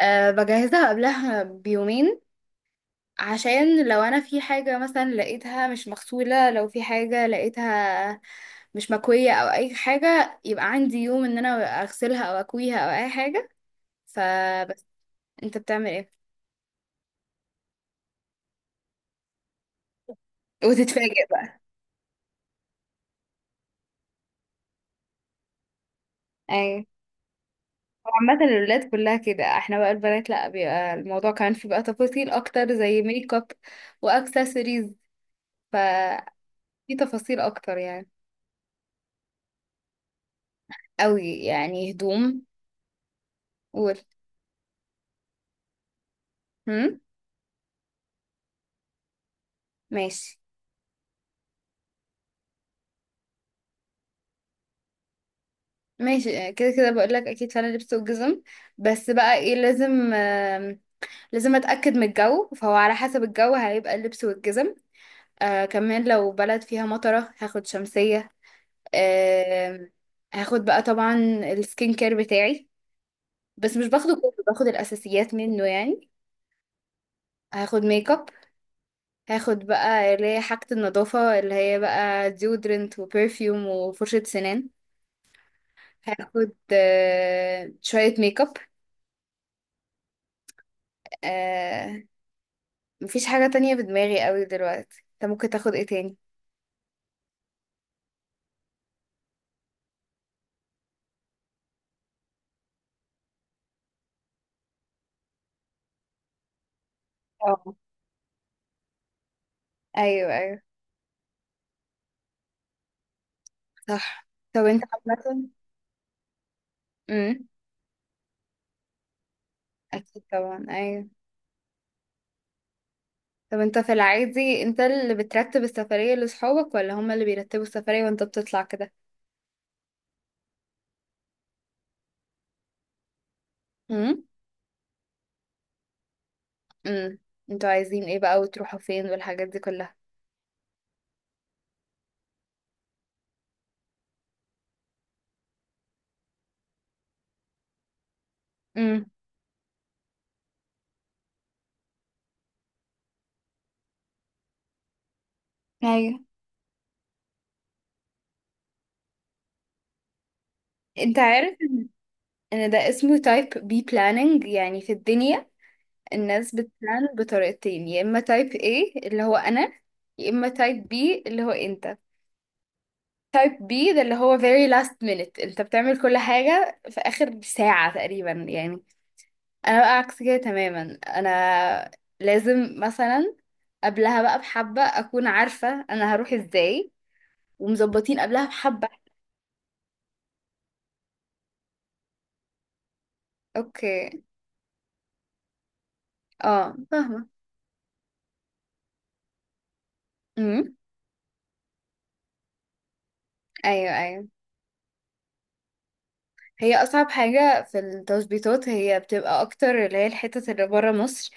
بجهزها قبلها بيومين، عشان لو انا في حاجة مثلا لقيتها مش مغسولة، لو في حاجة لقيتها مش مكوية او اي حاجة، يبقى عندي يوم ان انا اغسلها او اكويها او اي حاجة. فبس. انت بتعمل ايه؟ وتتفاجئ بقى. ايوه. هو عامة الولاد كلها كده، احنا بقى البنات لا، بيبقى الموضوع كمان في بقى تفاصيل اكتر زي ميك اب واكسسوارز. ففي تفاصيل اكتر يعني. قوي يعني هدوم. قول. هم. ماشي. ماشي. آه، كده كده بقول لك اكيد فعلا لبس وجزم. بس بقى ايه لازم، لازم اتاكد من الجو، فهو على حسب الجو هيبقى اللبس والجزم. كمان لو بلد فيها مطره هاخد شمسيه. آم، هاخد بقى طبعا السكين كير بتاعي، بس مش باخده كله، باخد الاساسيات منه يعني. هاخد ميك اب. هاخد بقى اللي هي حاجه النظافه، اللي هي بقى ديودرنت وبرفيوم وفرشه سنان. هاخد شويه ميك اب. مفيش حاجة تانية في دماغي قوي دلوقتي، انت ممكن تاخد ايه تاني؟ اه. ايوه. ايوه صح. طب انت. عامة. امم. اكيد طبعا، ايوه. طب انت في العادي انت اللي بترتب السفرية لصحابك، ولا هما اللي بيرتبوا السفرية وانت بتطلع كده؟ امم. امم. انتوا عايزين ايه بقى، وتروحوا فين، والحاجات دي كلها؟ امم. ايوه. انت عارف ان ده اسمه تايب بي planning يعني؟ في الدنيا الناس بتبلان بطريقتين، يا اما تايب A اللي هو انا، يا اما تايب B اللي هو انت. تايب بي ده اللي هو very last minute، انت بتعمل كل حاجة في آخر ساعة تقريبا يعني. انا بقى عكس كده تماما. انا لازم مثلا قبلها بقى بحبة اكون عارفة انا هروح ازاي، ومظبطين قبلها بحبة. اوكي. اه فاهمة. امم. ايوه. ايوه. هي اصعب حاجة في التظبيطات هي بتبقى اكتر اللي هي الحتت اللي برا مصر،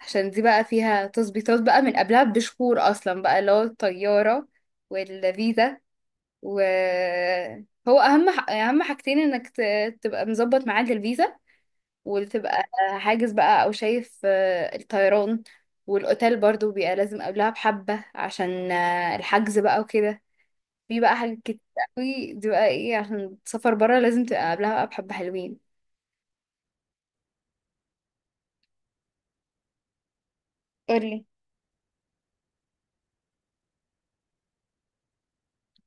عشان دي بقى فيها تظبيطات بقى من قبلها بشهور اصلا، بقى اللي هو الطيارة والفيزا. وهو اهم اهم حاجتين انك تبقى مظبط ميعاد الفيزا، وتبقى حاجز بقى، او شايف الطيران. والاوتيل برضو بيبقى لازم قبلها بحبة عشان الحجز بقى وكده. في بقى حاجات كتير قوي دي بقى، ايه، عشان تسافر برا لازم تبقى قبلها بقى بحبة حلوين. قولي.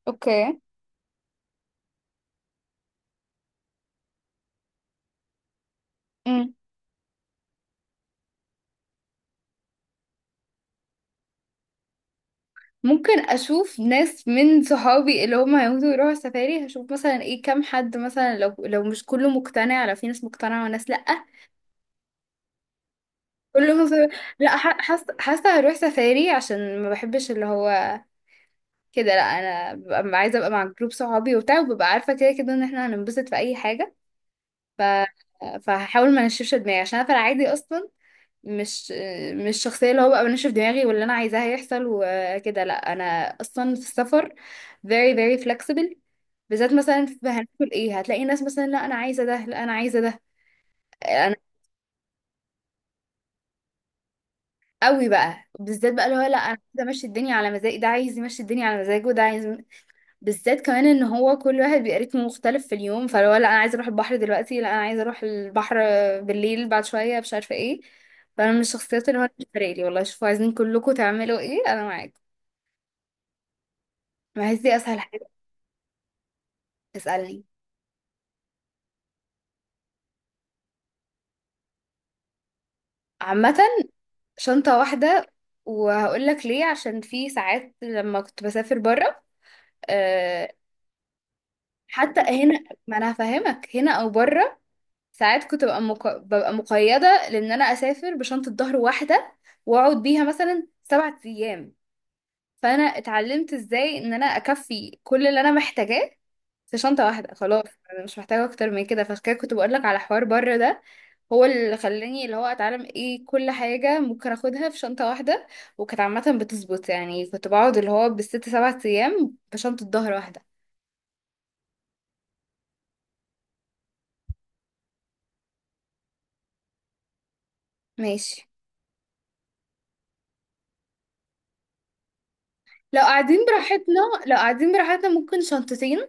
اوكي. مم. ممكن اشوف ناس من صحابي اللي هم هيموتوا يروحوا السفاري، هشوف مثلا ايه، كام حد مثلا، لو مش كله مقتنع، لو في ناس مقتنعة وناس لأ. كله مصر. لا، حاسه هروح سفاري، عشان ما بحبش اللي هو كده. لا، انا ببقى عايزه ابقى مع جروب صحابي وبتاع، وببقى عارفه كده كده ان احنا هننبسط في اي حاجه. ف فهحاول ما انشفش دماغي، عشان انا في العادي اصلا مش مش شخصيه اللي هو بقى بنشف دماغي، واللي انا عايزاه هيحصل وكده. لا، انا اصلا في السفر very very flexible، بالذات مثلا في هناكل ايه، هتلاقي ناس مثلا لا انا عايزه ده، لا انا عايزه ده قوي بقى، بالذات بقى اللي هو لا انا عايزه امشي الدنيا على مزاجي، ده عايز يمشي الدنيا على مزاجه، وده عايز، بالذات كمان ان هو كل واحد بيبقى رتمه مختلف في اليوم، فلو لا انا عايزه اروح البحر دلوقتي، لا انا عايزه اروح البحر بالليل بعد شويه، مش عارفه ايه. فانا من الشخصيات اللي هو مش فارق لي، والله شوفوا عايزين كلكم تعملوا ايه انا معاكم. بحس دي اسهل حاجه. تسالني. عامه شنطه واحده، وهقول لك ليه، عشان في ساعات لما كنت بسافر بره. أه. حتى هنا، ما انا هفهمك هنا او بره. ساعات كنت ببقى مقيدة، لأن أنا أسافر بشنطة ظهر واحدة، وأقعد بيها مثلا 7 أيام، فأنا اتعلمت إزاي إن أنا أكفي كل اللي أنا محتاجاه في شنطة واحدة خلاص. أنا مش محتاجة أكتر من كده، فعشان كده كنت بقولك على حوار بره ده، هو اللي خلاني اللي هو أتعلم إيه كل حاجة ممكن أخدها في شنطة واحدة. وكانت عامة بتظبط يعني، كنت بقعد اللي هو بالست سبعة أيام بشنطة ظهر واحدة. ماشي. لو قاعدين براحتنا لو قاعدين براحتنا ممكن شنطتين،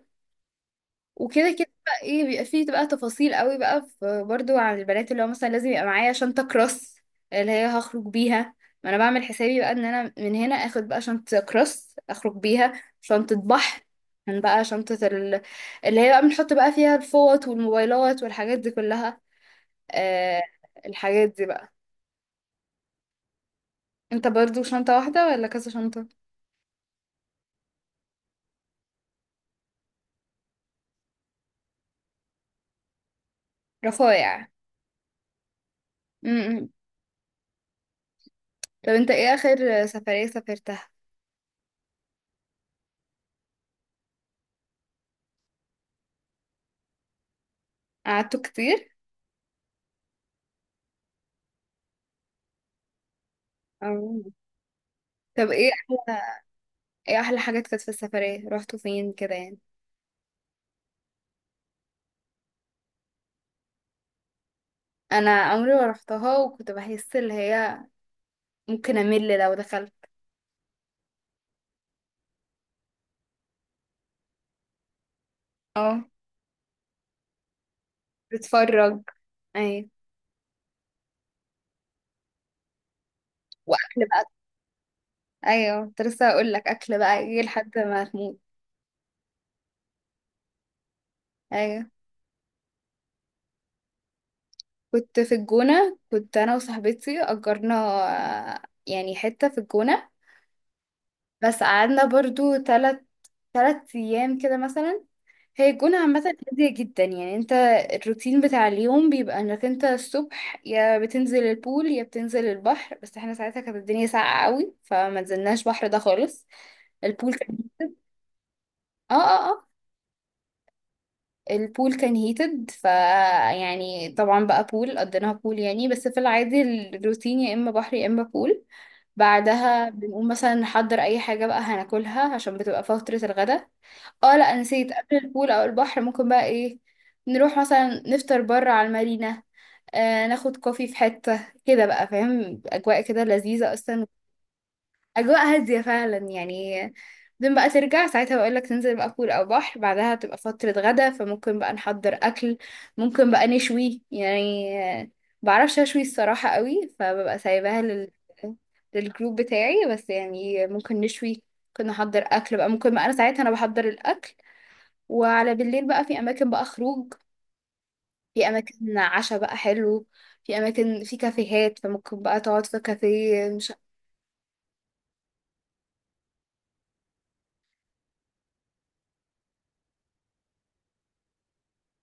وكده كده بقى ايه بيبقى فيه بقى تفاصيل قوي بقى، في برضو عن البنات اللي هو مثلا لازم يبقى معايا شنطة كروس اللي هي هخرج بيها. ما انا بعمل حسابي بقى ان انا من هنا اخد بقى شنطة كروس اخرج بيها، شنطة بحر، كان بقى شنطة اللي هي بقى بنحط بقى فيها الفوط والموبايلات والحاجات دي كلها، آه. الحاجات دي بقى. انت برضو شنطة واحدة ولا كذا شنطة؟ رفايع. م-م. طب انت ايه اخر سفرية سافرتها؟ قعدتوا كتير؟ أو- طب ايه، ايه احلى حاجات كانت في السفرية، رحتوا فين كده يعني؟ انا عمري ما رحتها، وكنت بحس اللي هي ممكن امل لو دخلت. اه. بتفرج. ايوه. واكل بقى. ايوه كنت لسه هقول لك، اكل بقى ايه لحد ما تموت. ايوه. كنت في الجونة، كنت انا وصاحبتي اجرنا يعني حتة في الجونة. بس قعدنا برضو تلت ايام كده مثلا. هي الجونة عامة هادية جدا يعني. انت الروتين بتاع اليوم بيبقى انك انت الصبح يا بتنزل البول يا بتنزل البحر. بس احنا ساعتها كانت الدنيا ساقعة قوي، فما نزلناش بحر ده خالص. البول كان اه اه اه. البول كان هيتد ف يعني، طبعا بقى بول قضيناها بول يعني، بس في العادي الروتين يا اما بحر يا اما بول. بعدها بنقوم مثلا نحضر اي حاجة بقى هناكلها، عشان بتبقى فترة الغدا. اه لا، نسيت، قبل البول او البحر ممكن بقى ايه، نروح مثلا نفطر بره على المارينا، ناخد كوفي في حتة كده، بقى فاهم اجواء كده لذيذة اصلا. اجواء هادية فعلا يعني. بعدين بقى ترجع ساعتها، بقول لك تنزل بقى بول او بحر، بعدها تبقى فترة غدا، فممكن بقى نحضر اكل، ممكن بقى نشوي يعني. آه، بعرفش اشوي الصراحة قوي، فببقى سايباها للجروب بتاعي، بس يعني ممكن نشوي، ممكن نحضر اكل بقى، ممكن بقى انا ساعتها انا بحضر الاكل. وعلى بالليل بقى في اماكن بقى خروج، في اماكن عشاء بقى حلو، في اماكن في كافيهات، فممكن بقى تقعد في كافيه مش.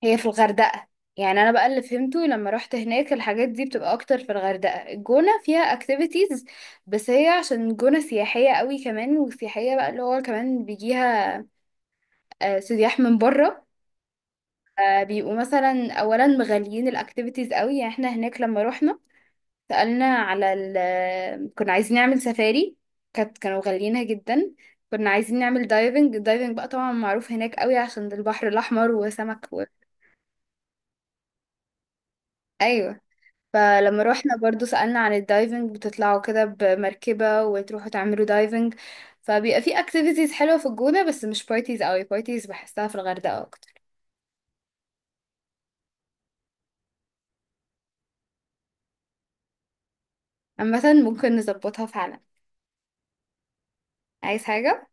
هي في الغردقة يعني، انا بقى اللي فهمته لما رحت هناك الحاجات دي بتبقى اكتر في الغردقة. الجونة فيها اكتيفيتيز، بس هي عشان جونة سياحية قوي كمان، وسياحية بقى اللي هو كمان بيجيها سياح من بره، بيبقوا مثلا اولا مغاليين الاكتيفيتيز قوي يعني. احنا هناك لما رحنا سألنا على كنا عايزين نعمل سفاري، كانوا غاليينها جدا. كنا عايزين نعمل دايفنج، الدايفنج بقى طبعا معروف هناك قوي عشان ده البحر الأحمر وسمك أيوة. فلما روحنا برضو سألنا عن الدايفنج، بتطلعوا كده بمركبة وتروحوا تعملوا دايفنج. فبيبقى في اكتيفيتيز حلوة في الجونة، بس مش بارتيز قوي، بارتيز بحسها في الغردقة أكتر. عامة ممكن نظبطها فعلا. عايز حاجة؟